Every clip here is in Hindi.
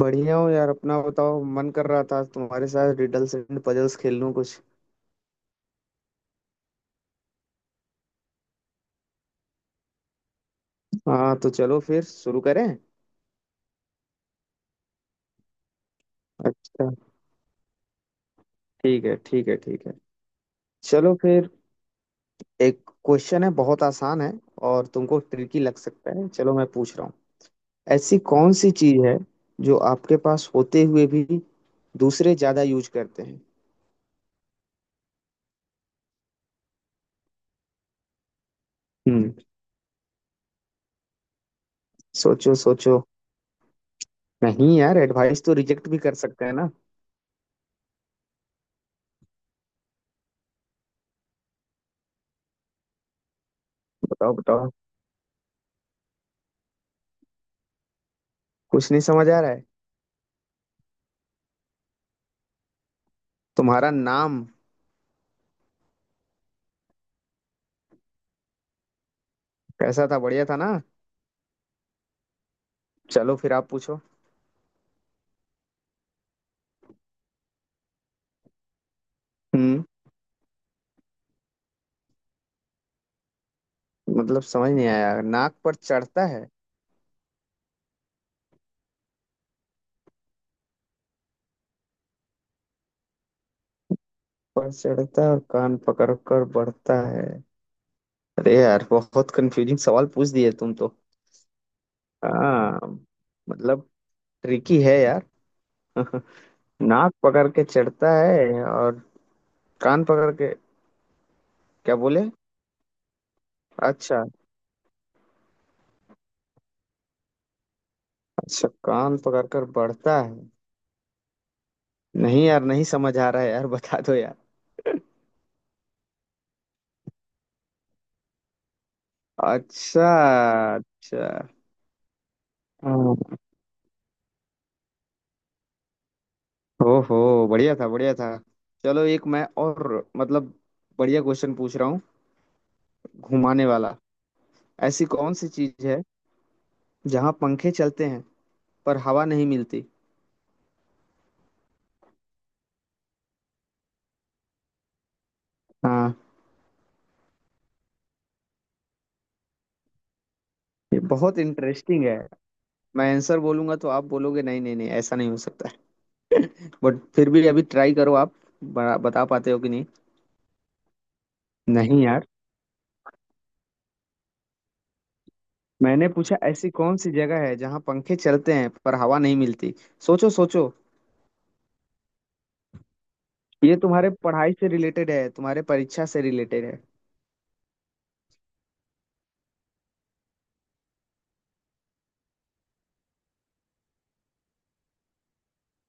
बढ़िया हो यार। अपना बताओ। मन कर रहा था आज तुम्हारे साथ रिडल्स एंड पजल्स खेल लूं कुछ। हाँ तो चलो फिर शुरू करें। अच्छा। ठीक है ठीक है ठीक है। चलो फिर। एक क्वेश्चन है बहुत आसान है और तुमको ट्रिकी लग सकता है। चलो मैं पूछ रहा हूँ। ऐसी कौन सी चीज है जो आपके पास होते हुए भी दूसरे ज्यादा यूज करते हैं। हम्म। सोचो सोचो। नहीं यार, एडवाइस तो रिजेक्ट भी कर सकते हैं ना। बताओ बताओ। कुछ नहीं समझ आ रहा है। तुम्हारा नाम। कैसा था, बढ़िया था ना। चलो फिर आप पूछो। हम्म। मतलब समझ नहीं आया। नाक पर चढ़ता है। पर चढ़ता है और कान पकड़ कर बढ़ता है। अरे यार, बहुत कंफ्यूजिंग सवाल पूछ दिए तुम तो। हाँ। मतलब, ट्रिकी है यार। नाक पकड़ के चढ़ता है और कान पकड़ के। क्या बोले। अच्छा। अच्छा, कान पकड़ कर बढ़ता है। नहीं यार, नहीं समझ आ रहा है यार, बता दो यार। अच्छा। अच्छा। ओहो, बढ़िया था बढ़िया था। चलो एक मैं और। मतलब, बढ़िया क्वेश्चन पूछ रहा हूँ। घुमाने वाला। ऐसी कौन सी चीज है जहाँ पंखे चलते हैं पर हवा नहीं मिलती। हाँ ये बहुत इंटरेस्टिंग है। मैं आंसर बोलूंगा तो आप बोलोगे नहीं नहीं नहीं, ऐसा नहीं हो सकता है। बट फिर भी अभी ट्राई करो आप। बता पाते हो कि नहीं। नहीं यार, मैंने पूछा ऐसी कौन सी जगह है जहाँ पंखे चलते हैं पर हवा नहीं मिलती। सोचो सोचो। ये तुम्हारे पढ़ाई से रिलेटेड है, तुम्हारे परीक्षा से रिलेटेड है।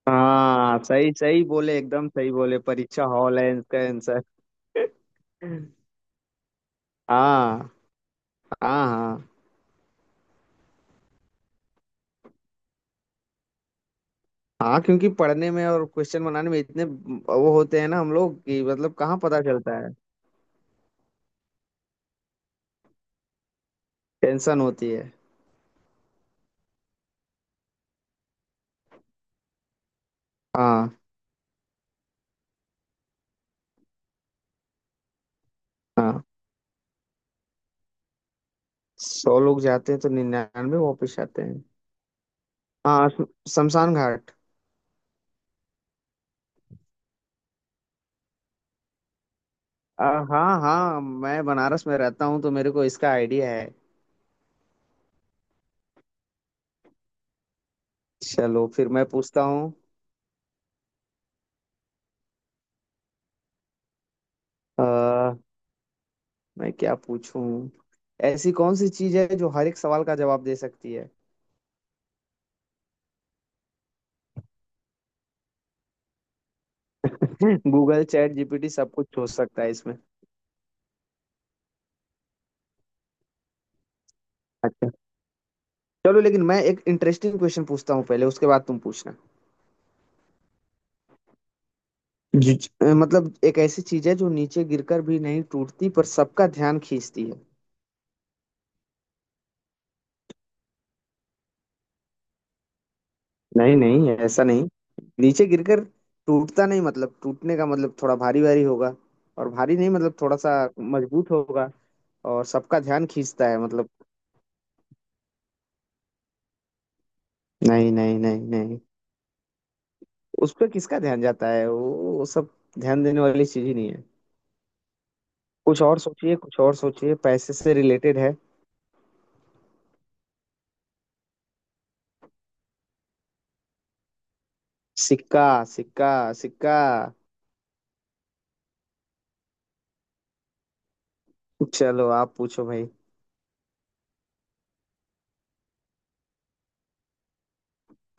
हाँ सही सही बोले, एकदम सही बोले। परीक्षा हॉल है इसका आंसर। हाँ हाँ हाँ। हाँ क्योंकि पढ़ने में और क्वेश्चन बनाने में इतने वो होते हैं ना हम लोग कि मतलब कहाँ पता चलता है। टेंशन होती है। हाँ हाँ। 100 लोग जाते हैं तो 99 वापस आते हैं। हाँ शमशान घाट। आ, हाँ हाँ, मैं बनारस में रहता हूँ तो मेरे को इसका आइडिया है। चलो फिर मैं पूछता हूँ। आ, मैं क्या पूछूं। ऐसी कौन सी चीज है जो हर एक सवाल का जवाब दे सकती है। गूगल, चैट जीपीटी, सब कुछ सोच सकता है इसमें। अच्छा। चलो लेकिन मैं एक इंटरेस्टिंग क्वेश्चन पूछता हूँ पहले, उसके बाद तुम पूछना। जी जी। मतलब एक ऐसी चीज है जो नीचे गिरकर भी नहीं टूटती पर सबका ध्यान खींचती है। नहीं नहीं, ऐसा नहीं। नीचे गिरकर टूटता नहीं, मतलब टूटने का मतलब थोड़ा भारी भारी होगा। और भारी नहीं, मतलब थोड़ा सा मजबूत होगा। और सबका ध्यान खींचता है मतलब। नहीं नहीं नहीं नहीं। उस पर किसका ध्यान जाता है। वो सब ध्यान देने वाली चीज ही नहीं है। कुछ और सोचिए, कुछ और सोचिए। पैसे से रिलेटेड है। सिक्का। सिक्का। सिक्का। चलो आप पूछो भाई।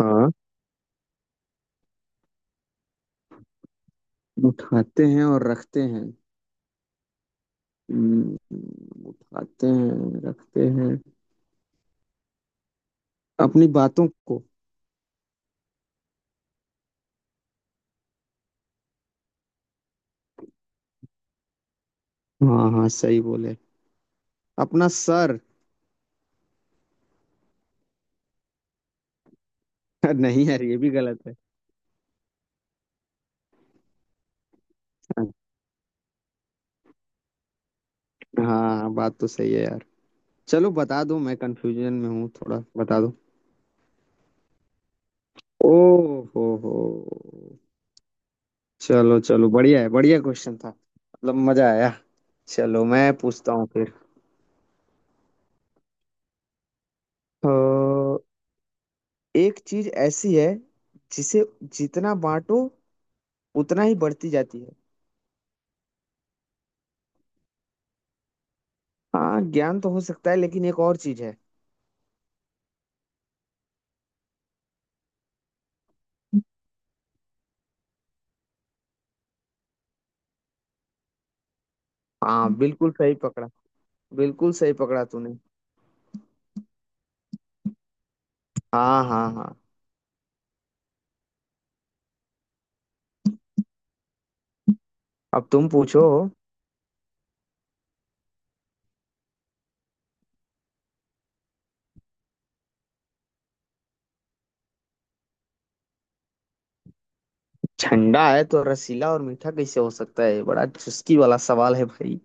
हाँ। उठाते हैं और रखते हैं। हम्म, उठाते हैं रखते हैं अपनी बातों को। हाँ हाँ सही बोले। अपना सर। नहीं यार, ये भी गलत है। हाँ बात तो सही है यार। चलो बता दो, मैं कंफ्यूजन में हूँ थोड़ा, बता दो। ओ हो हो। चलो चलो, बढ़िया है। बढ़िया क्वेश्चन था, मतलब मजा आया। चलो मैं पूछता हूँ फिर। तो एक चीज ऐसी है जिसे जितना बांटो उतना ही बढ़ती जाती है। हाँ ज्ञान तो हो सकता है लेकिन एक और चीज है। हाँ बिल्कुल सही पकड़ा, बिल्कुल सही पकड़ा तूने। हाँ हाँ हाँ। अब तुम पूछो। ठंडा है तो रसीला और मीठा कैसे हो सकता है, बड़ा चुस्की वाला सवाल है भाई।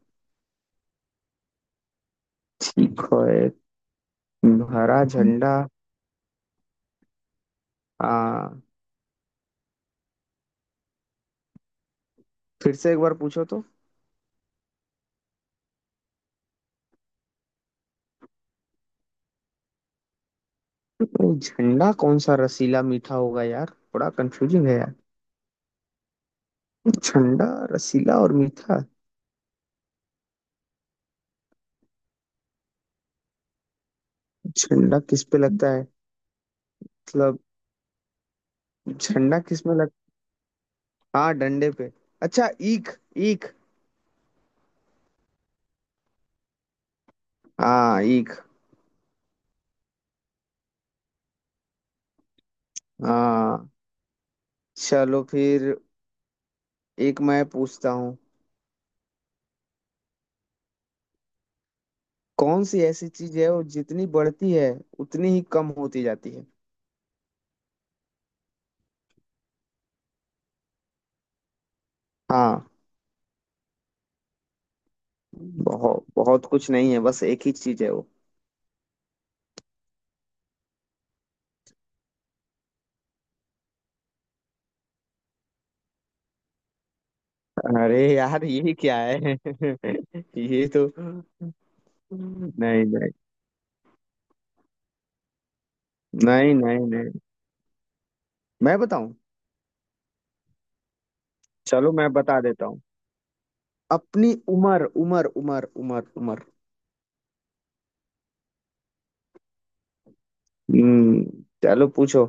ठीक है। हरा झंडा। हाँ। फिर से एक बार पूछो तो। नहीं, झंडा कौन सा रसीला मीठा होगा यार, बड़ा कंफ्यूजिंग है यार। झंडा, रसीला और मीठा। झंडा किस पे लगता है। मतलब। झंडा किस में लग हाँ, डंडे पे। अच्छा, ईख। ईख। हाँ, ईख। हाँ। चलो फिर एक मैं पूछता हूँ। कौन सी ऐसी चीज है वो जितनी बढ़ती है उतनी ही कम होती जाती है। हाँ। बहुत बहुत कुछ नहीं है, बस एक ही चीज है वो। अरे यार ये क्या है। ये तो। नहीं नहीं नहीं नहीं नहीं। मैं बताऊं। चलो मैं बता देता हूँ। अपनी उम्र, उम्र, उम्र, उम्र, उम्र। हम्म। चलो पूछो।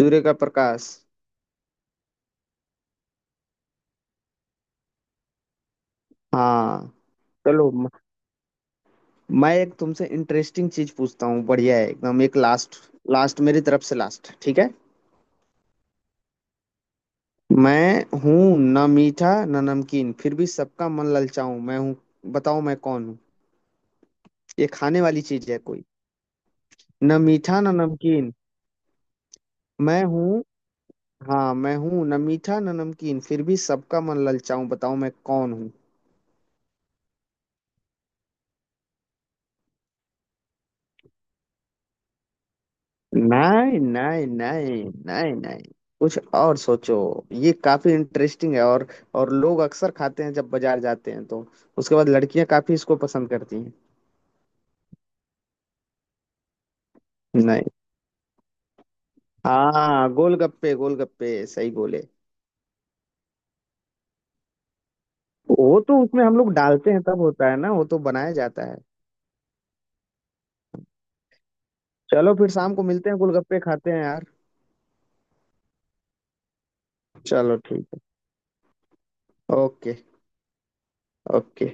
सूर्य का प्रकाश। हाँ। चलो मैं एक तुमसे इंटरेस्टिंग चीज पूछता हूँ, बढ़िया है एकदम। एक लास्ट। लास्ट मेरी तरफ से, लास्ट ठीक है। मैं हूँ ना मीठा ना नमकीन, फिर भी सबका मन ललचाऊं मैं हूँ। बताओ मैं कौन हूँ। ये खाने वाली चीज है कोई। ना मीठा ना नमकीन। मैं हूँ। हाँ मैं हूँ न मीठा न नमकीन, फिर भी सबका मन ललचाऊं। बताओ मैं कौन हूँ। नहीं नहीं नहीं नहीं नहीं। कुछ और सोचो। ये काफी इंटरेस्टिंग है और लोग अक्सर खाते हैं जब बाजार जाते हैं तो। उसके बाद लड़कियां काफी इसको पसंद करती हैं। नहीं। हाँ गोलगप्पे, गोलगप्पे सही बोले। वो तो उसमें हम लोग डालते हैं तब होता है ना, वो तो बनाया जाता है। चलो फिर शाम को मिलते हैं, गोलगप्पे खाते हैं यार। चलो ठीक है। ओके। ओके।